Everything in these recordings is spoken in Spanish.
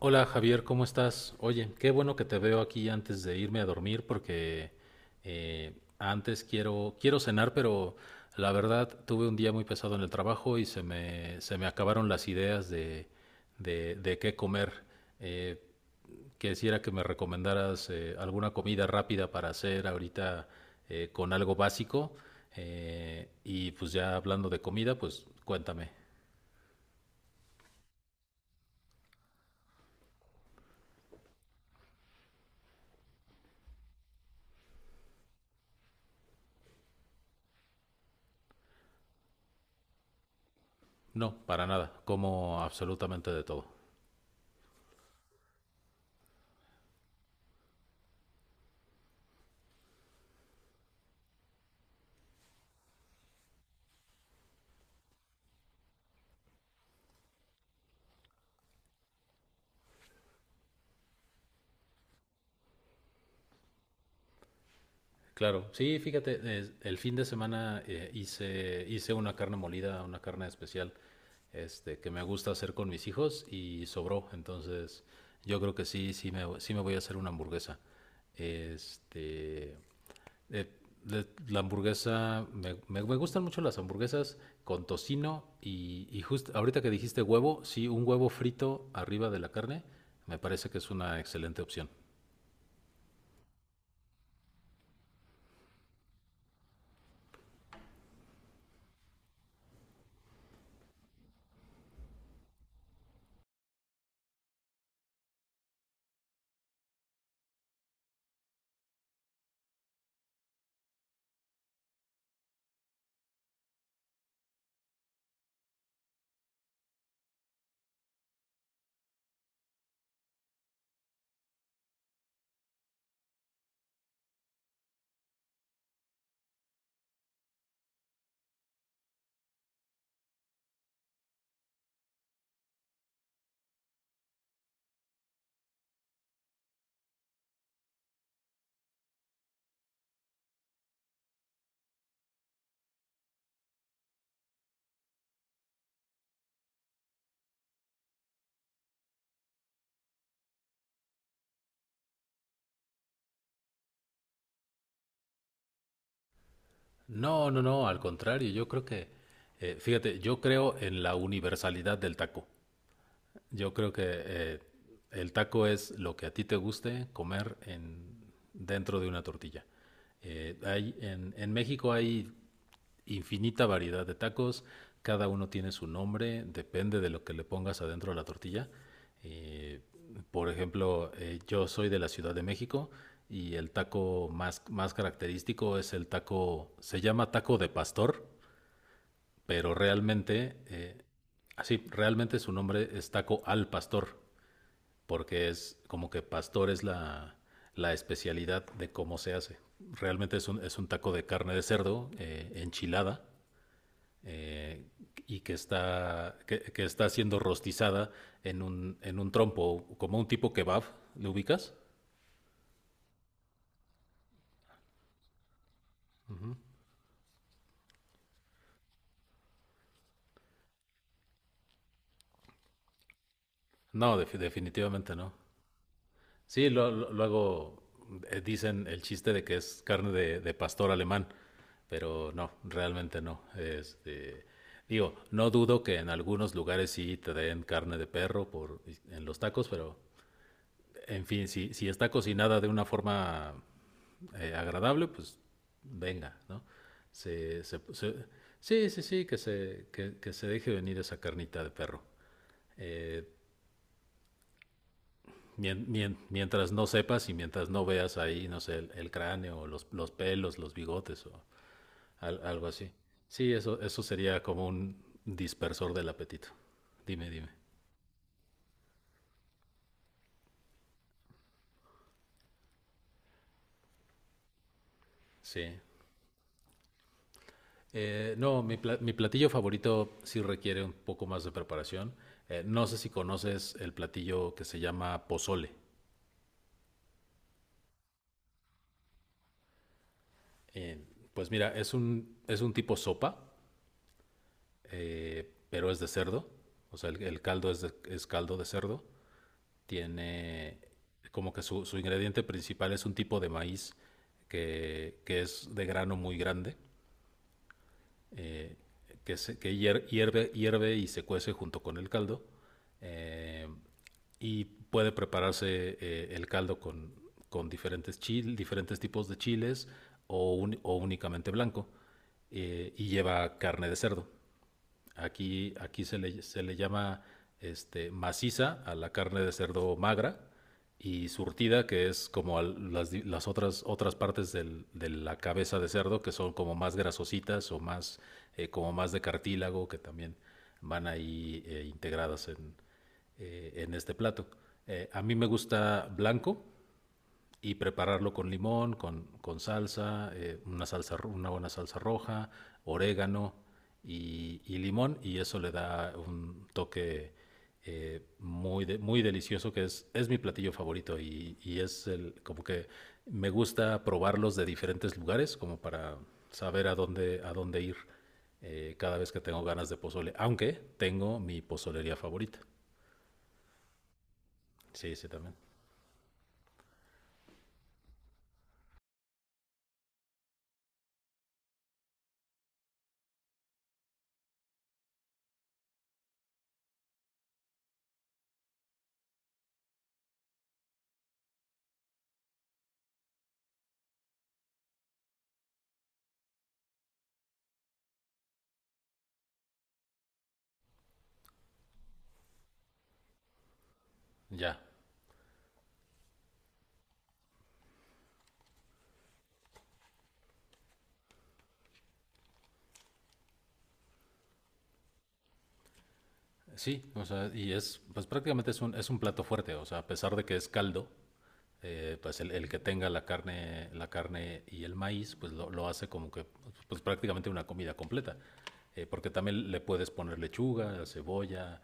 Hola Javier, ¿cómo estás? Oye, qué bueno que te veo aquí antes de irme a dormir porque eh, antes quiero, quiero cenar, pero la verdad tuve un día muy pesado en el trabajo y se me acabaron las ideas de qué comer. Eh, quisiera que me recomendaras alguna comida rápida para hacer ahorita con algo básico. Y pues ya hablando de comida, pues cuéntame. No, para nada, como absolutamente de todo. Claro, sí, fíjate, el fin de semana hice una carne molida, una carne especial, este, que me gusta hacer con mis hijos y sobró, entonces yo creo que sí, sí me voy a hacer una hamburguesa. Este, eh, la hamburguesa, me gustan mucho las hamburguesas con tocino y justo ahorita que dijiste huevo, sí, un huevo frito arriba de la carne, me parece que es una excelente opción. No, no, no, al contrario, yo creo que, fíjate, yo creo en la universalidad del taco. Yo creo que el taco es lo que a ti te guste comer dentro de una tortilla. En México hay infinita variedad de tacos, cada uno tiene su nombre, depende de lo que le pongas adentro de la tortilla. Eh, por ejemplo, yo soy de la Ciudad de México y el taco más característico es el taco, se llama taco de pastor, pero realmente, así, realmente su nombre es taco al pastor, porque es como que pastor es la especialidad de cómo se hace. Realmente es es un taco de carne de cerdo enchilada, eh, y que está, está siendo rostizada en un trompo, como un tipo kebab. ¿Le ubicas? No, definitivamente no. Sí, luego dicen el chiste de que es carne de pastor alemán, pero no, realmente no. Este, digo, no dudo que en algunos lugares sí te den carne de perro por, en los tacos, pero en fin, si, si está cocinada de una forma agradable, pues venga, ¿no? Se, se, se- sí, sí, sí, que se deje venir esa carnita de perro. Eh, mientras no sepas y mientras no veas ahí, no sé, el cráneo, o los pelos, los bigotes o algo así. Sí, eso sería como un dispersor del apetito. Dime, dime. Sí. No, mi platillo favorito sí requiere un poco más de preparación. No sé si conoces el platillo que se llama pozole. Eh, pues mira, es un tipo sopa, pero es de cerdo. O sea, el caldo es caldo de cerdo. Tiene como que su ingrediente principal es un tipo de maíz que es de grano muy grande, eh, que hierve, hierve y se cuece junto con el caldo. eh, y puede prepararse el caldo con diferentes, diferentes tipos de chiles o, o únicamente blanco. Y lleva carne de cerdo. Se le llama este, maciza a la carne de cerdo magra y surtida, que es como las otras, otras partes de la cabeza de cerdo, que son como más grasositas o más, como más de cartílago, que también van ahí integradas en este plato. A mí me gusta blanco, y prepararlo con limón, con salsa, una buena salsa roja, orégano y limón, y eso le da un toque muy delicioso, que es mi platillo favorito, y es el, como que me gusta probarlos de diferentes lugares, como para saber a dónde ir cada vez que tengo ganas de pozole, aunque tengo mi pozolería favorita. Sí, sí, también. Ya. Sí, o sea, y es, pues prácticamente es un plato fuerte, o sea, a pesar de que es caldo, pues el que tenga la carne y el maíz, pues lo hace como que, pues prácticamente una comida completa. Porque también le puedes poner lechuga, cebolla,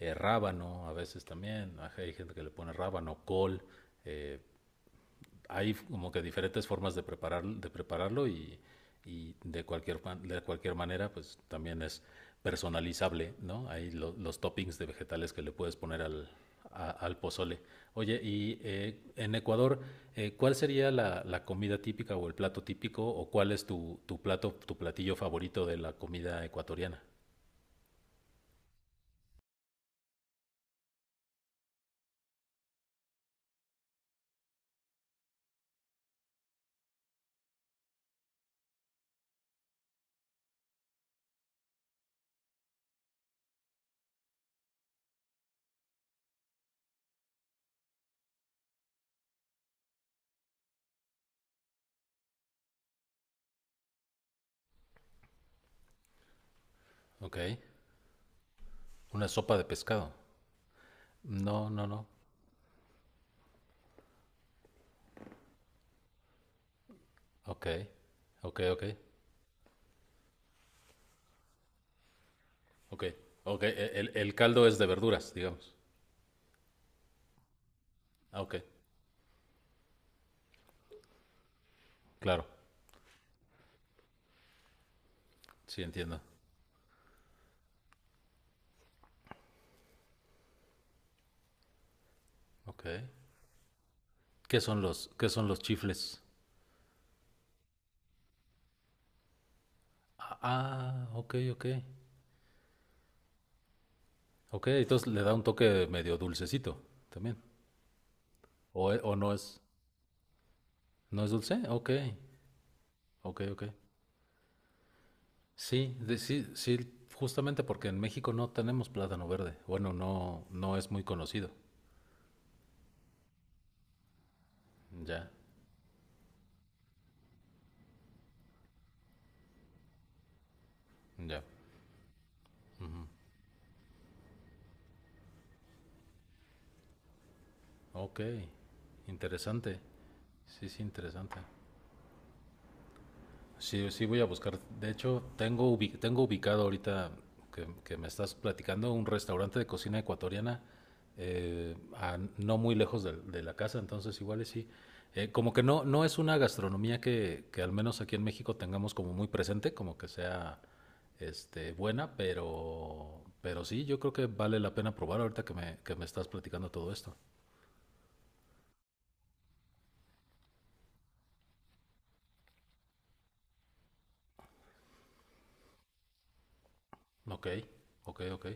rábano, a veces también, ajá, hay gente que le pone rábano, col, eh, hay como que diferentes formas de, preparar, de prepararlo y de cualquier manera, pues también es personalizable, ¿no? Hay los toppings de vegetales que le puedes poner al pozole. Oye, y en Ecuador, ¿cuál sería la comida típica o el plato típico o cuál es tu, tu plato, tu platillo favorito de la comida ecuatoriana? Ok, una sopa de pescado. No, no, no. Ok, ok, ok. Ok, ok, el caldo es de verduras, digamos. Ah, ok, claro, sí entiendo. Ok. ¿Qué son qué son los chifles? Ah, ah, ok, ok. Ok, entonces le da un toque medio dulcecito también. ¿O no es, no es dulce? Ok, ok, ok. Sí, sí, sí, justamente porque en México no tenemos plátano verde. Bueno, no, no es muy conocido. Ya, ya. Ok, interesante. Sí, sí, interesante. Sí, sí voy a buscar. De hecho, tengo, tengo ubicado ahorita que me estás platicando un restaurante de cocina ecuatoriana a no muy lejos de la casa, entonces igual y sí. Como que no, no es una gastronomía que al menos aquí en México tengamos como muy presente, como que sea este, buena, pero sí, yo creo que vale la pena probar ahorita que me estás platicando todo esto. Ok, ok, ok.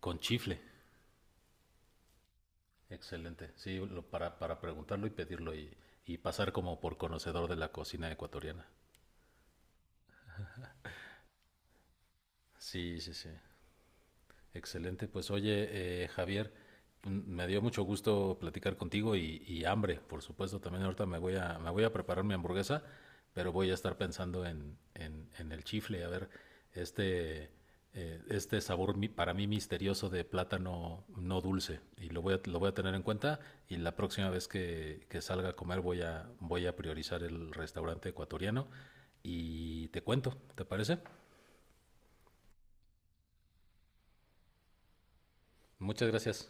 Con chifle. Excelente. Sí, para preguntarlo y pedirlo y pasar como por conocedor de la cocina ecuatoriana. Sí, sí, sí. Excelente, pues oye, Javier, mm, me dio mucho gusto platicar contigo y hambre, por supuesto, también ahorita me voy a preparar mi hamburguesa, pero voy a estar pensando en el chifle, a ver, este, este sabor para mí misterioso de plátano no dulce, y lo voy a tener en cuenta, y la próxima vez que salga a comer voy a priorizar el restaurante ecuatoriano, y te cuento, ¿te parece? Muchas gracias.